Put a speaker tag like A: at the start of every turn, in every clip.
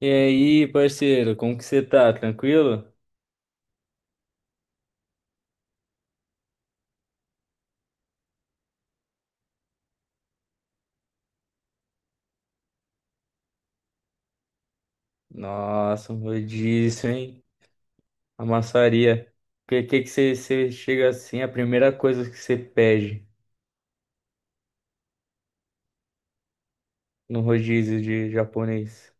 A: E aí, parceiro, como que você tá? Tranquilo? Nossa, um rodízio, hein? A maçaria. O que que você chega assim, a primeira coisa que você pede no rodízio de japonês?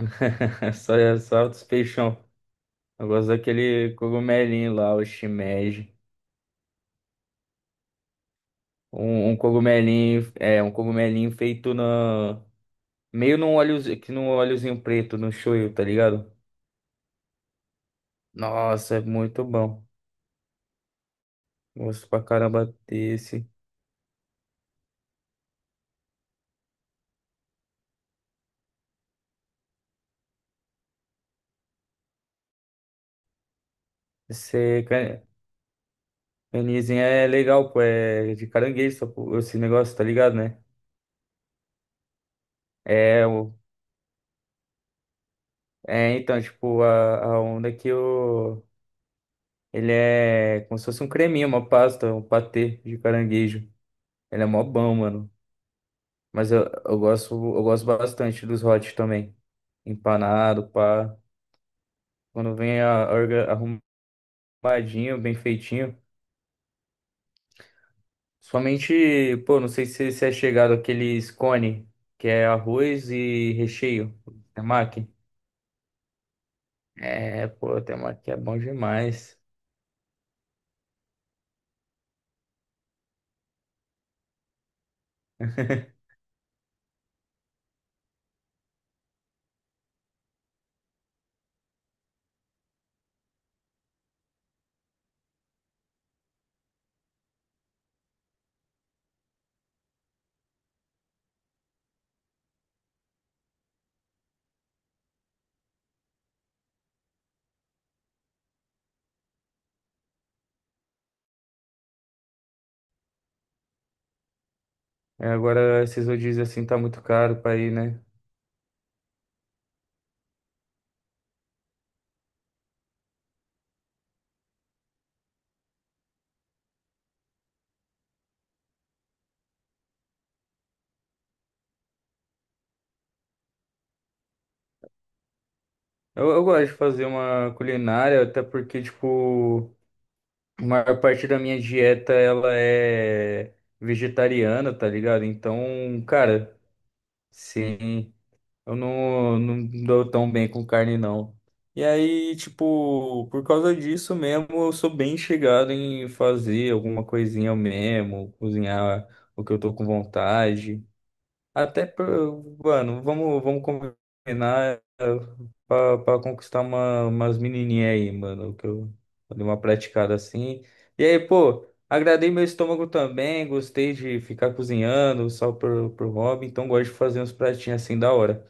A: Só os peixão. Eu gosto daquele cogumelinho lá, o shimeji. Um cogumelinho, é, um cogumelinho feito na... Meio num óleozinho, que num óleozinho preto, no shoyu, tá ligado? Nossa, é muito bom. Gosto pra caramba desse. Você Anizinho é legal, pô, é de caranguejo, pô, esse negócio, tá ligado, né? É, o, é então, tipo, a onda é que o, ele é como se fosse um creminho, uma pasta, um patê de caranguejo. Ele é mó bom, mano. Mas eu gosto, eu gosto bastante dos hot também. Empanado, pá. Quando vem a, orga- Arrumadinho, bem feitinho. Somente, pô, não sei se você é chegado àqueles cone, que é arroz e recheio, temaki. É, pô, tem uma que é bom demais. É, agora, esses rodízios assim tá muito caro pra ir, né? Eu gosto de fazer uma culinária, até porque, tipo, a maior parte da minha dieta ela é vegetariana, tá ligado? Então, cara, sim, eu não dou tão bem com carne, não. E aí, tipo, por causa disso mesmo, eu sou bem chegado em fazer alguma coisinha eu mesmo, cozinhar o que eu tô com vontade. Mano, vamos combinar, eh, pra conquistar uma, umas menininhas aí, mano, que eu dei uma praticada assim. E aí, pô, agradei meu estômago também, gostei de ficar cozinhando só pro, pro hobby, então gosto de fazer uns pratinhos assim da hora.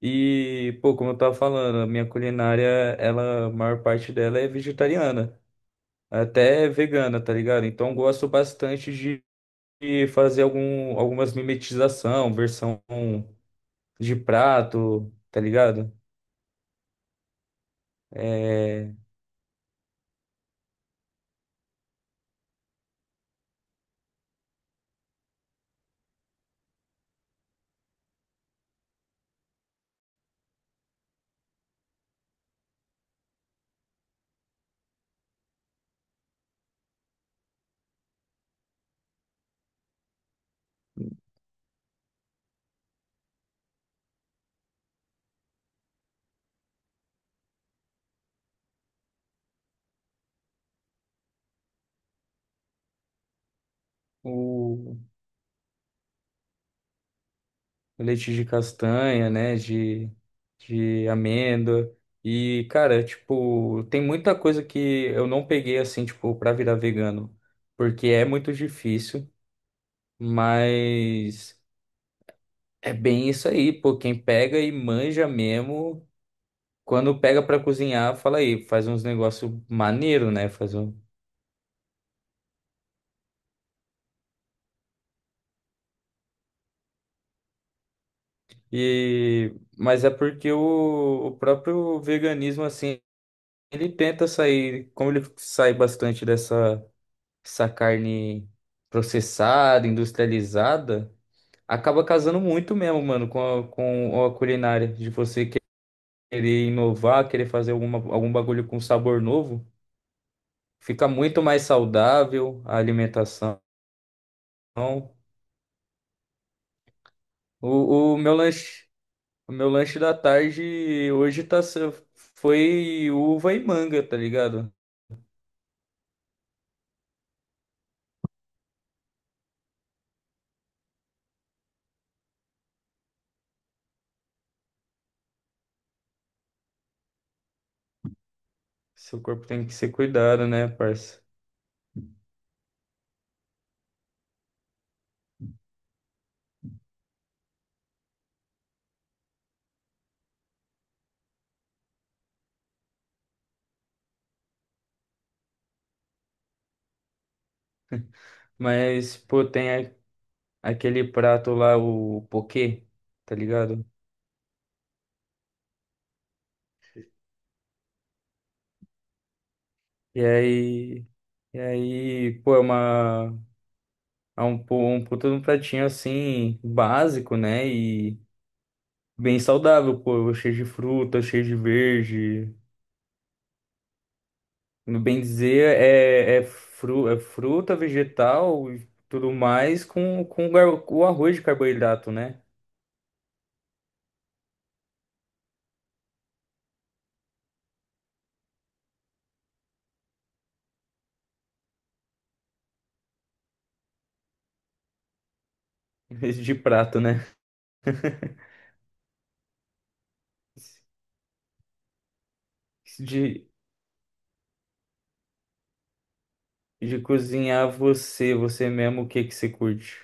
A: E, pô, como eu tava falando, a minha culinária, ela, a maior parte dela é vegetariana, até vegana, tá ligado? Então gosto bastante de fazer algum, algumas mimetização, versão de prato, tá ligado? É, o leite de castanha, né? De amêndoa. E, cara, tipo, tem muita coisa que eu não peguei assim, tipo, pra virar vegano, porque é muito difícil, mas é bem isso aí, pô. Quem pega e manja mesmo, quando pega pra cozinhar, fala aí, faz uns negócios maneiro, né? Faz um. E mas é porque o próprio veganismo, assim, ele tenta sair, como ele sai bastante dessa essa carne processada, industrializada, acaba casando muito mesmo, mano, com a culinária. De você querer inovar, querer fazer alguma, algum bagulho com sabor novo, fica muito mais saudável a alimentação. O, o meu lanche, o meu lanche da tarde hoje tá, se- foi uva e manga, tá ligado? Seu corpo tem que ser cuidado, né, parça? Mas, pô, tem, aquele prato lá, o poquê, tá ligado? E aí, e aí, pô, é uma, é um puta de um pratinho assim, básico, né? E bem saudável, pô, cheio de fruta, cheio de verde. No bem dizer, é fruta, vegetal e tudo mais com, o arroz de carboidrato, né? Em vez de prato, né? De, de cozinhar você, você mesmo, o que que você curte?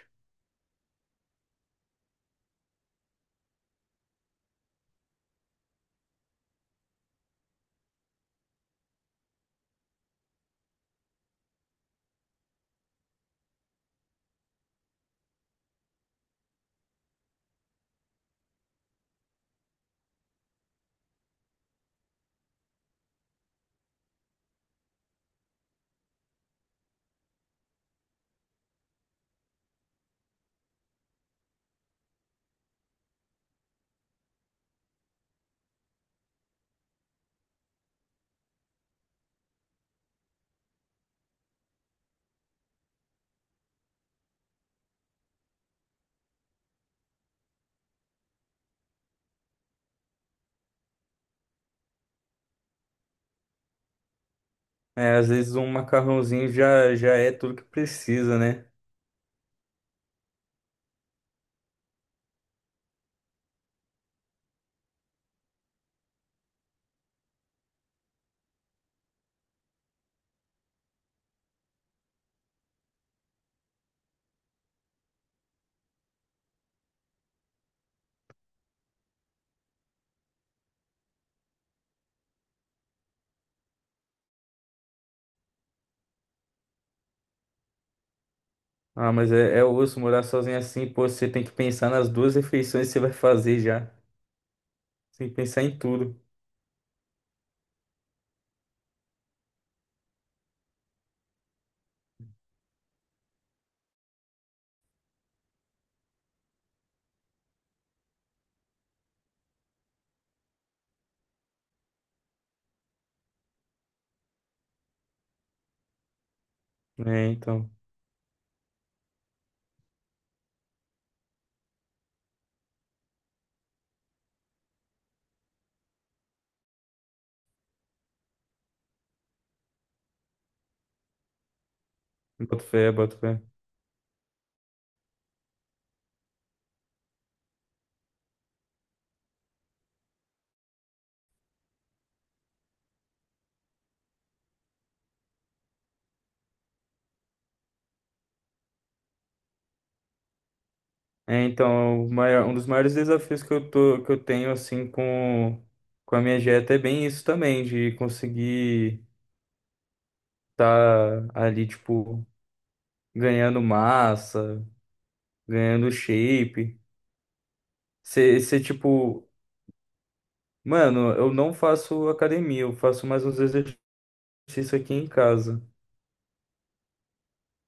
A: É, às vezes um macarrãozinho já é tudo que precisa, né? Ah, mas é, é osso morar sozinho, é assim, pô, você tem que pensar nas duas refeições que você vai fazer já. Você tem que pensar em tudo. É, então, boto fé, boto fé. É, então, o maior, um dos maiores desafios que eu tô, que eu tenho, assim, com a minha dieta é bem isso também, de conseguir tá ali, tipo, ganhando massa, ganhando shape. Você, tipo, Mano, eu não faço academia, eu faço mais uns exercícios aqui em casa.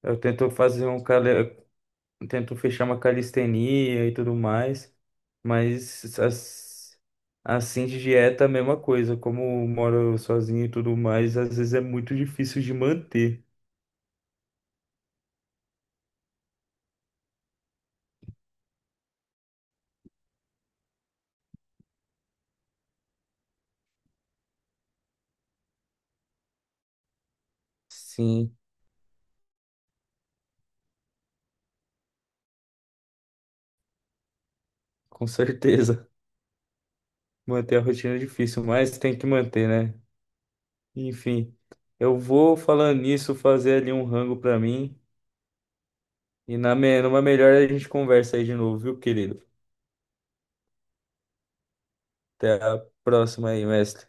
A: Eu tento fechar uma calistenia e tudo mais, mas assim de dieta é a mesma coisa. Como eu moro sozinho e tudo mais, às vezes é muito difícil de manter. Sim, com certeza. Manter a rotina é difícil, mas tem que manter, né? Enfim, eu vou falando nisso, fazer ali um rango pra mim. E numa melhor a gente conversa aí de novo, viu, querido? Até a próxima aí, mestre.